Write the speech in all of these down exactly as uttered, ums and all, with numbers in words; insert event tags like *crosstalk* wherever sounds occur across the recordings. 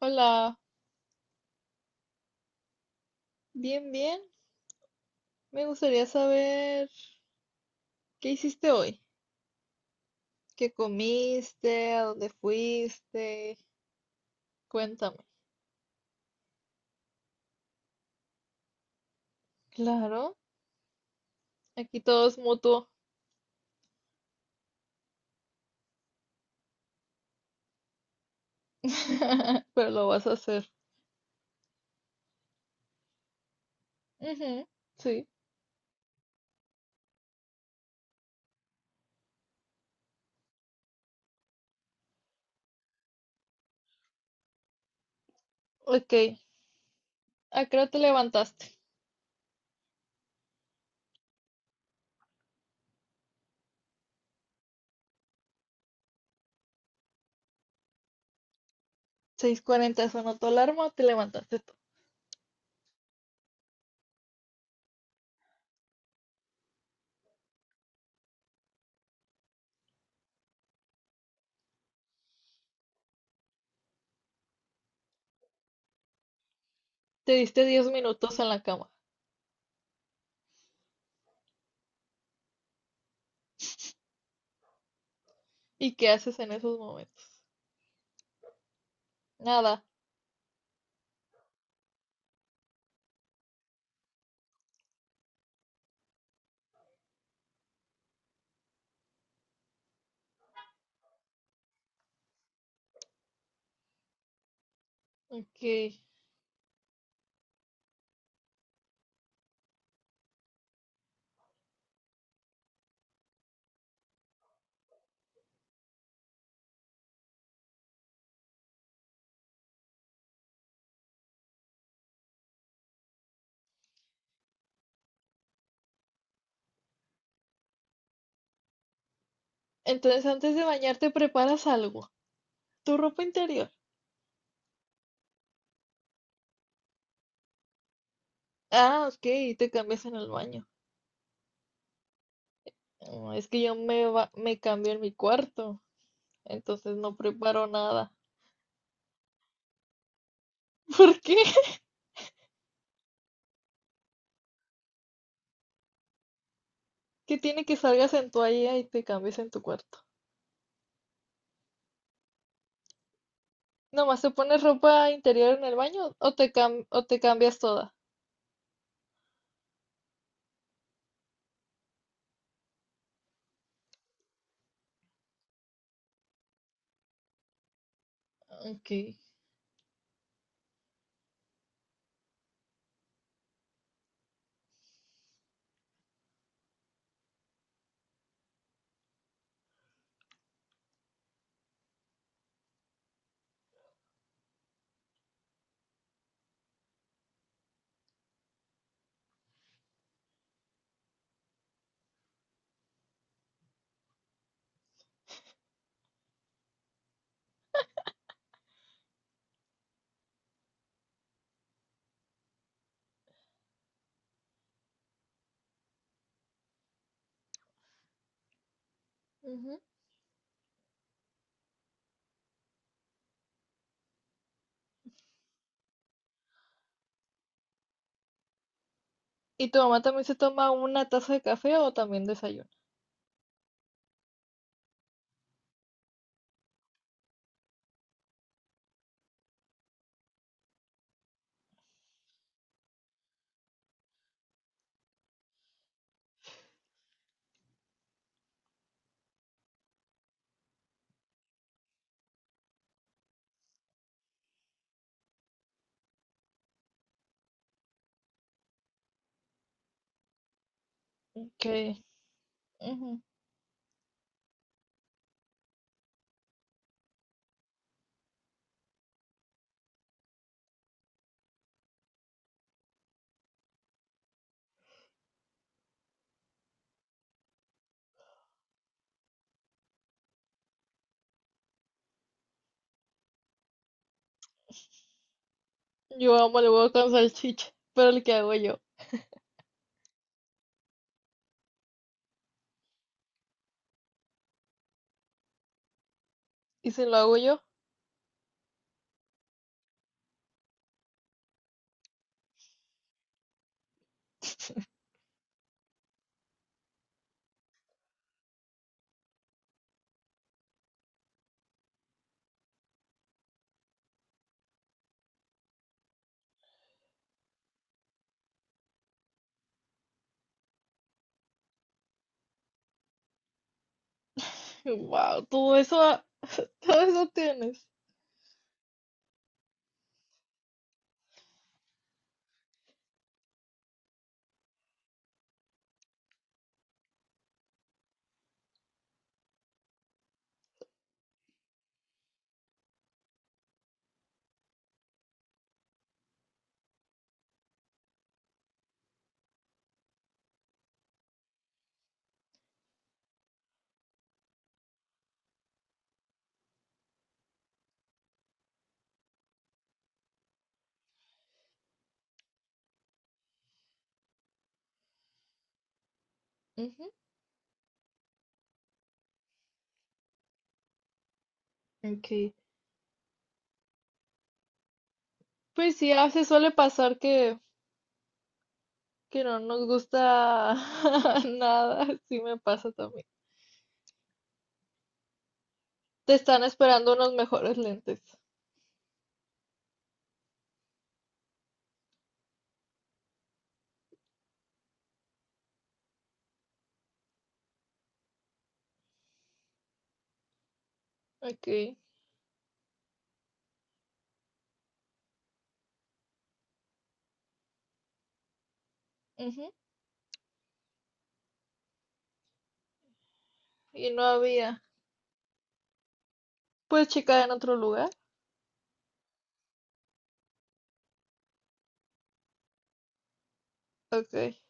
Hola, bien, bien. Me gustaría saber qué hiciste hoy, qué comiste, a dónde fuiste. Cuéntame. Claro, aquí todo es mutuo, *laughs* pero lo vas a hacer. Ujú, sí. Ok, ¿a qué hora te levantaste? seis cuarenta sonó tu alarma, te levantaste tú. Te diste diez minutos en la cama. ¿Y qué haces en esos momentos? Nada. Ok. Entonces antes de bañarte preparas algo. Tu ropa interior. Ah, ok, te cambias en el baño. Mm, es que yo me, ba- me cambio en mi cuarto, entonces no preparo nada. *laughs* ¿Por qué? ¿Qué tiene que salgas en toalla y te cambies en tu cuarto? ¿Nomás te pones ropa interior en el baño o te cam- o te cambias toda? Ok. Ujú. ¿Y tu mamá también se toma una taza de café o también desayuna? Ok. Ujú. Yo amo el huevo con salchicha, pero el que hago yo. ¿Y si lo hago yo? Wow, todo eso, todo eso tienes. Ujú. Ok. Pues sí, a veces suele pasar que, que no nos gusta *laughs* nada, sí me pasa también. Te están esperando unos mejores lentes. Ok. Ujú. Y no había. Puedes checar en otro lugar. Ok.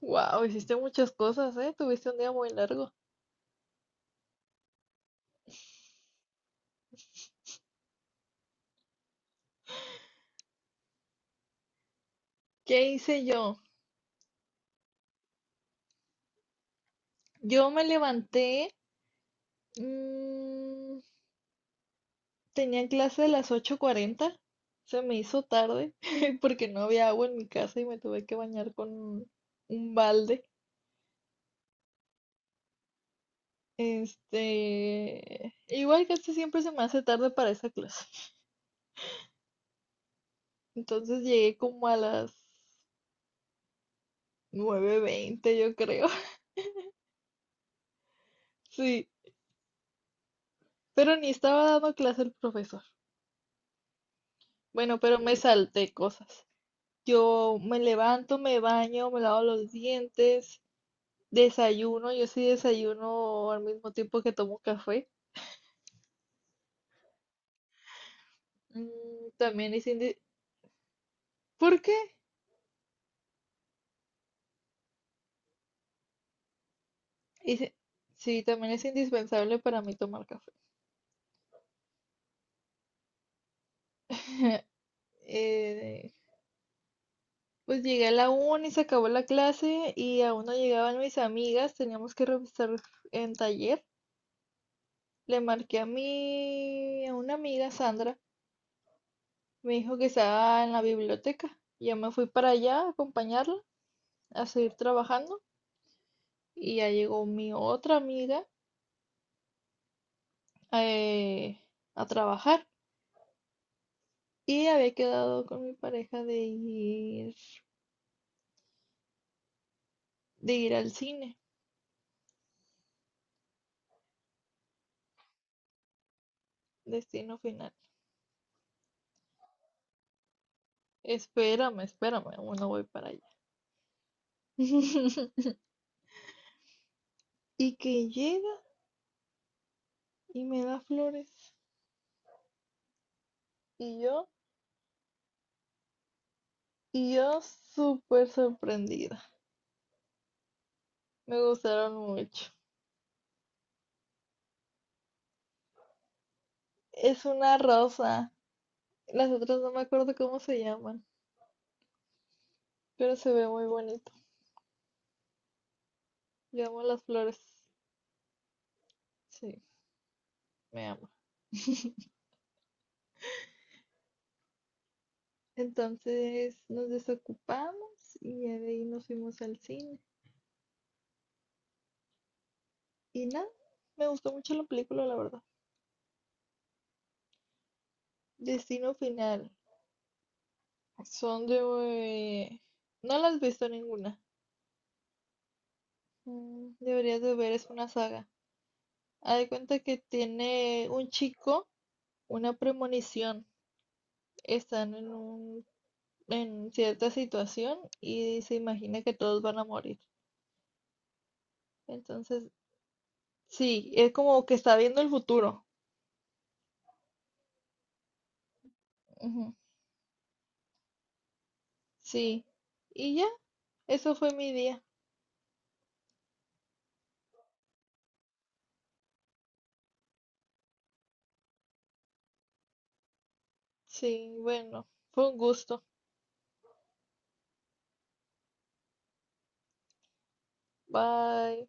Wow, hiciste muchas cosas, ¿eh? Tuviste un día muy largo. ¿Qué hice yo? Yo me levanté. Mm, tenía clase a las ocho cuarenta. Se me hizo tarde *laughs* porque no había agua en mi casa y me tuve que bañar con un balde. Este, igual casi siempre se me hace tarde para esa clase. *laughs* Entonces llegué como a las nueve veinte yo creo. *laughs* Sí, pero ni estaba dando clase el profesor. Bueno, pero me salté cosas. Yo me levanto, me baño, me lavo los dientes, desayuno. Yo sí desayuno al mismo tiempo que tomo café. Mm, también es indi- ¿Por qué? Hice- sí, también es indispensable para mí tomar café. *laughs* Eh, Pues llegué a la una y se acabó la clase y aún no llegaban mis amigas, teníamos que revisar en taller. Le marqué a mi, a una amiga, Sandra, me dijo que estaba en la biblioteca. Yo me fui para allá a acompañarla, a seguir trabajando y ya llegó mi otra amiga, eh, a trabajar y había quedado con mi pareja de ir, de ir al cine, Destino Final. Espérame, espérame, aún no voy para allá. *laughs* Y que llega y me da flores. Y yo, y yo súper sorprendida. Me gustaron mucho. Es una rosa. Las otras no me acuerdo cómo se llaman, pero se ve muy bonito. Yo amo las flores. Sí, me amo. *laughs* Entonces nos desocupamos y de ahí nos fuimos al cine. Y nada, me gustó mucho la película, la verdad. Destino Final. Son de... No las has visto ninguna. Mm, deberías de ver, es una saga. Haz de cuenta que tiene un chico una premonición. Están en un, en cierta situación y se imagina que todos van a morir. Entonces, sí, es como que está viendo el futuro. Ujú, sí. Y ya, eso fue mi día. Sí, bueno, fue un gusto. Bye.